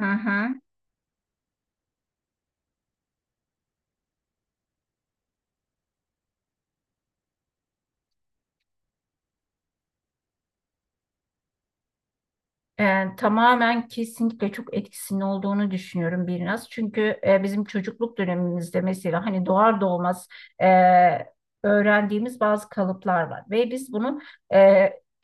Hı hı. Tamamen kesinlikle çok etkisinin olduğunu düşünüyorum biraz. Çünkü bizim çocukluk dönemimizde mesela hani doğar doğmaz e, öğrendiğimiz bazı kalıplar var. Ve biz bunu e,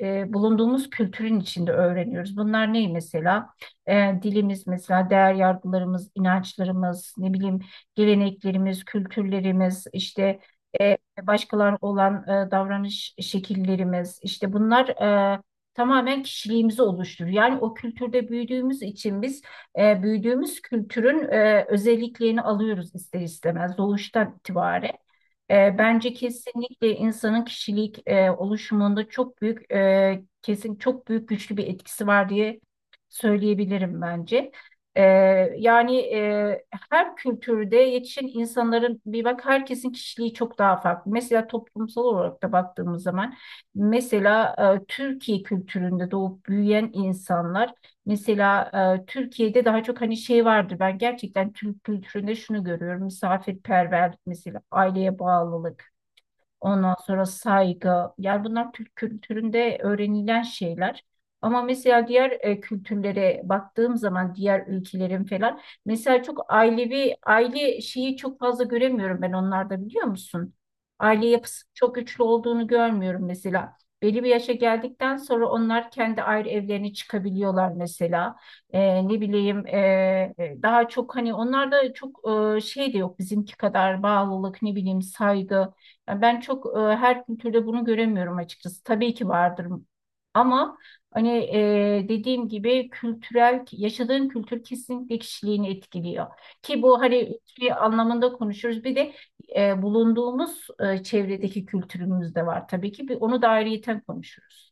bulunduğumuz kültürün içinde öğreniyoruz. Bunlar ne mesela? Dilimiz mesela, değer yargılarımız, inançlarımız, ne bileyim, geleneklerimiz, kültürlerimiz, işte e, başkalarına olan davranış şekillerimiz, işte bunlar tamamen kişiliğimizi oluşturuyor. Yani o kültürde büyüdüğümüz için biz büyüdüğümüz kültürün özelliklerini alıyoruz ister istemez doğuştan itibaren. Bence kesinlikle insanın kişilik oluşumunda çok büyük, kesin çok büyük güçlü bir etkisi var diye söyleyebilirim bence. E, Yani, her kültürde yetişen insanların bir bak herkesin kişiliği çok daha farklı. Mesela toplumsal olarak da baktığımız zaman, mesela, Türkiye kültüründe doğup büyüyen insanlar. Mesela, Türkiye'de daha çok hani şey vardır. Ben gerçekten Türk kültüründe şunu görüyorum. Misafirperverlik mesela, aileye bağlılık. Ondan sonra saygı. Yani bunlar Türk kültüründe öğrenilen şeyler. Ama mesela diğer kültürlere baktığım zaman, diğer ülkelerin falan, mesela çok ailevi aile şeyi çok fazla göremiyorum ben onlarda, biliyor musun? Aile yapısı çok güçlü olduğunu görmüyorum mesela. Belli bir yaşa geldikten sonra onlar kendi ayrı evlerine çıkabiliyorlar mesela. Ne bileyim, daha çok hani onlarda çok, şey de yok bizimki kadar, bağlılık, ne bileyim, saygı. Yani ben çok, her kültürde bunu göremiyorum açıkçası. Tabii ki vardır ama hani, dediğim gibi kültürel, yaşadığın kültür kesinlikle kişiliğini etkiliyor. Ki bu hani bir anlamında konuşuruz. Bir de bulunduğumuz çevredeki kültürümüz de var tabii ki. Bir, onu da ayrıyeten konuşuruz.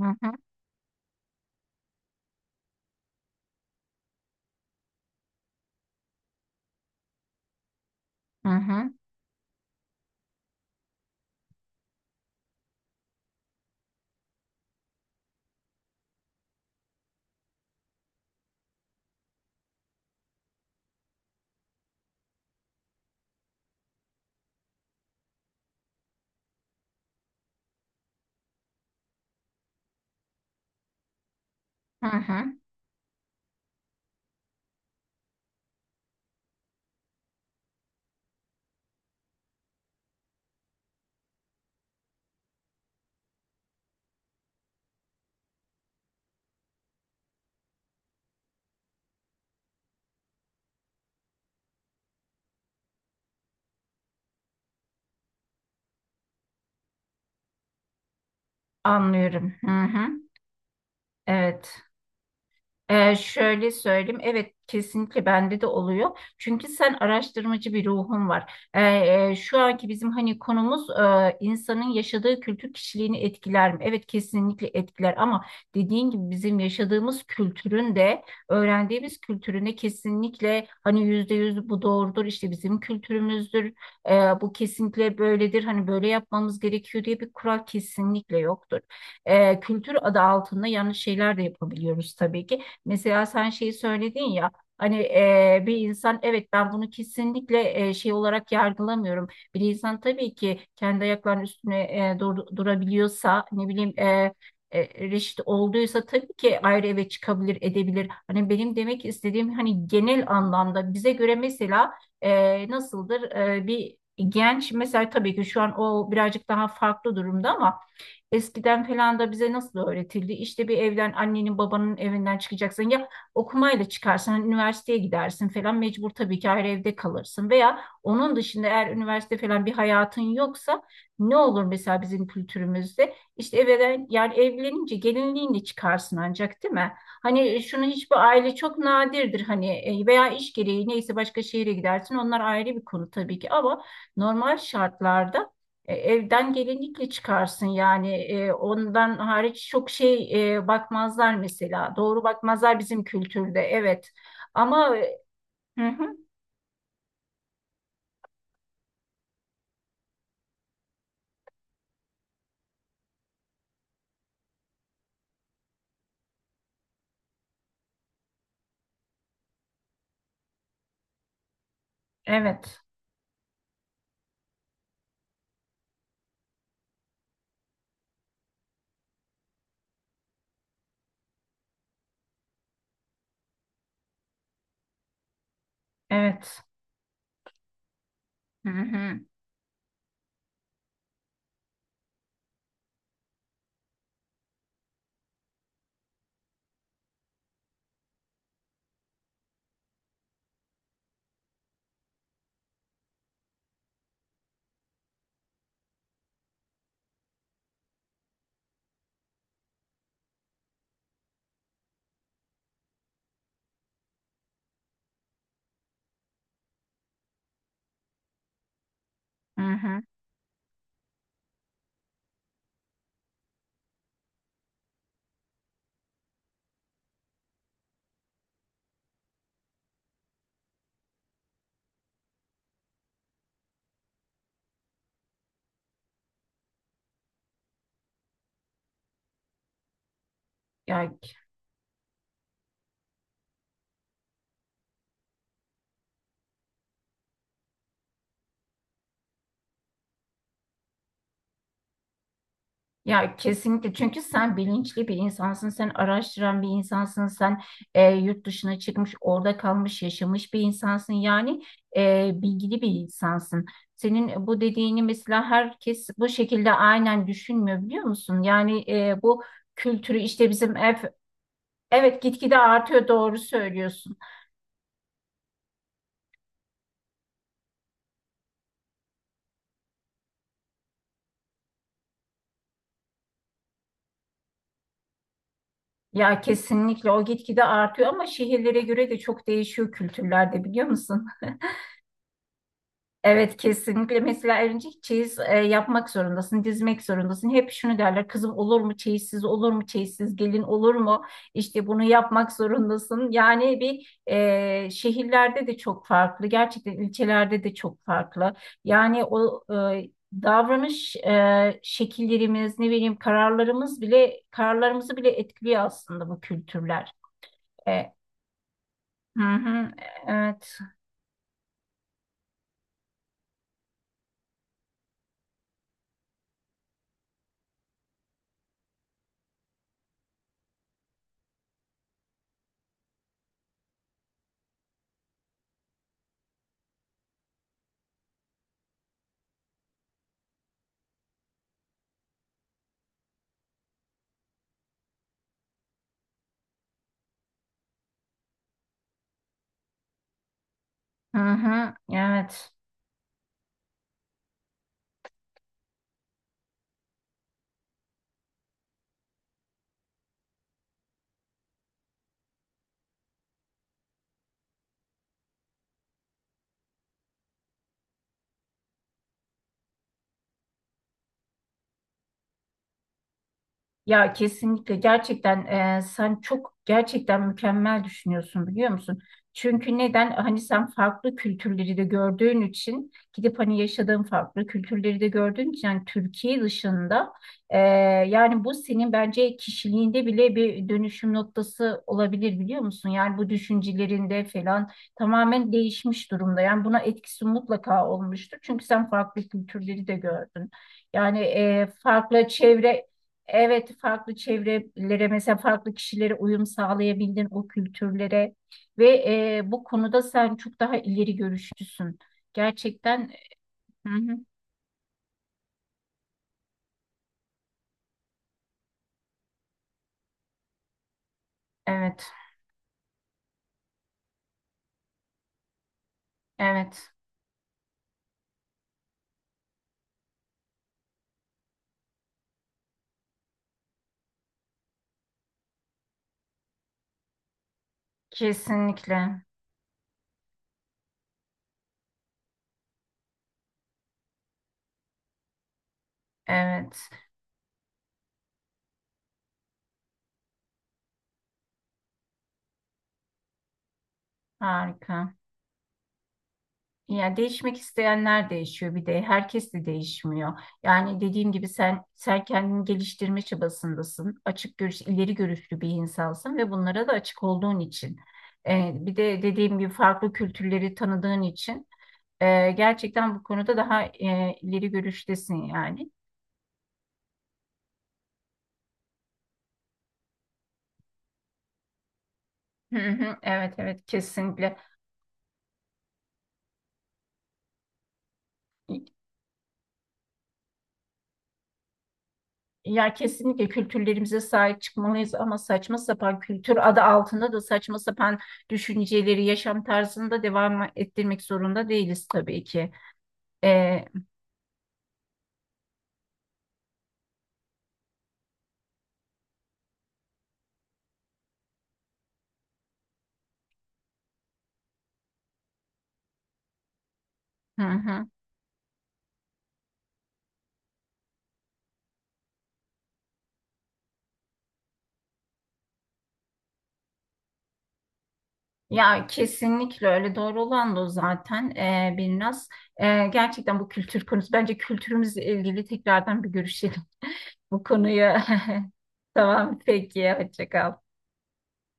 Hı hı, hı hı, hı hı. Anlıyorum. Hı hı. Evet. Şöyle söyleyeyim, evet kesinlikle bende de oluyor. Çünkü sen araştırmacı bir ruhun var. Şu anki bizim hani konumuz, insanın yaşadığı kültür kişiliğini etkiler mi? Evet kesinlikle etkiler ama dediğin gibi bizim yaşadığımız kültürün de, öğrendiğimiz kültürün de kesinlikle hani %100 bu doğrudur işte, bizim kültürümüzdür. Ee, Bu kesinlikle böyledir hani, böyle yapmamız gerekiyor diye bir kural kesinlikle yoktur. Kültür adı altında yanlış şeyler de yapabiliyoruz tabii ki. Mesela sen şeyi söyledin ya, hani bir insan, evet, ben bunu kesinlikle şey olarak yargılamıyorum. Bir insan tabii ki kendi ayaklarının üstüne, durabiliyorsa, ne bileyim, reşit olduysa tabii ki ayrı eve çıkabilir, edebilir. Hani benim demek istediğim, hani genel anlamda bize göre mesela, nasıldır, bir genç mesela, tabii ki şu an o birazcık daha farklı durumda ama eskiden falan da bize nasıl öğretildi? İşte bir evden, annenin babanın evinden çıkacaksın ya, okumayla çıkarsan üniversiteye gidersin falan, mecbur tabii ki ayrı evde kalırsın, veya onun dışında eğer üniversite falan bir hayatın yoksa ne olur mesela bizim kültürümüzde, işte evden yani, evlenince gelinliğinle çıkarsın ancak, değil mi? Hani şunu hiçbir aile, çok nadirdir hani, veya iş gereği neyse başka şehre gidersin, onlar ayrı bir konu tabii ki, ama normal şartlarda, evden gelinlikle çıkarsın yani. Ondan hariç çok şey, bakmazlar mesela, doğru bakmazlar bizim kültürde, evet ama. Hı hı, evet, evet, hı hı, hı hı. Ya Ya kesinlikle, çünkü sen bilinçli bir insansın, sen araştıran bir insansın, sen yurt dışına çıkmış, orada kalmış, yaşamış bir insansın. Yani bilgili bir insansın. Senin bu dediğini mesela herkes bu şekilde aynen düşünmüyor, biliyor musun? Yani bu kültürü işte bizim ev, evet gitgide artıyor, doğru söylüyorsun. Ya kesinlikle o gitgide artıyor, ama şehirlere göre de çok değişiyor kültürlerde, biliyor musun? Evet kesinlikle, mesela örümcek çeyiz yapmak zorundasın, dizmek zorundasın. Hep şunu derler, kızım olur mu çeyizsiz, olur mu çeyizsiz, gelin olur mu? İşte bunu yapmak zorundasın. Yani bir, şehirlerde de çok farklı, gerçekten ilçelerde de çok farklı. Yani o e, davranış şekillerimiz, ne bileyim kararlarımız bile, kararlarımızı bile etkiliyor aslında bu kültürler. E, hı hı, evet, hı hı, evet. Ya kesinlikle gerçekten, sen çok gerçekten mükemmel düşünüyorsun, biliyor musun? Çünkü neden? Hani sen farklı kültürleri de gördüğün için, gidip hani yaşadığın farklı kültürleri de gördüğün için, yani Türkiye dışında, e, yani bu senin bence kişiliğinde bile bir dönüşüm noktası olabilir, biliyor musun? Yani bu düşüncelerinde falan tamamen değişmiş durumda. Yani buna etkisi mutlaka olmuştur. Çünkü sen farklı kültürleri de gördün. Yani e, farklı çevre Evet, farklı çevrelere mesela, farklı kişilere uyum sağlayabildin, o kültürlere. Ve bu konuda sen çok daha ileri görüşlüsün. Gerçekten. Hı hı. Evet, evet, kesinlikle. Evet, harika. Yani değişmek isteyenler değişiyor, bir de herkes de değişmiyor. Yani dediğim gibi, sen kendini geliştirme çabasındasın. Açık görüş, ileri görüşlü bir insansın ve bunlara da açık olduğun için. Bir de dediğim gibi farklı kültürleri tanıdığın için, gerçekten bu konuda daha, ileri görüştesin yani. Hı hı, evet, evet, kesinlikle. Ya kesinlikle kültürlerimize sahip çıkmalıyız, ama saçma sapan kültür adı altında da saçma sapan düşünceleri yaşam tarzında devam ettirmek zorunda değiliz tabii ki. Ee, hı hı. Ya kesinlikle, öyle doğru olan da o zaten, biraz. Gerçekten bu kültür konusu, bence kültürümüzle ilgili tekrardan bir görüşelim bu konuyu. Tamam peki, hoşça kal.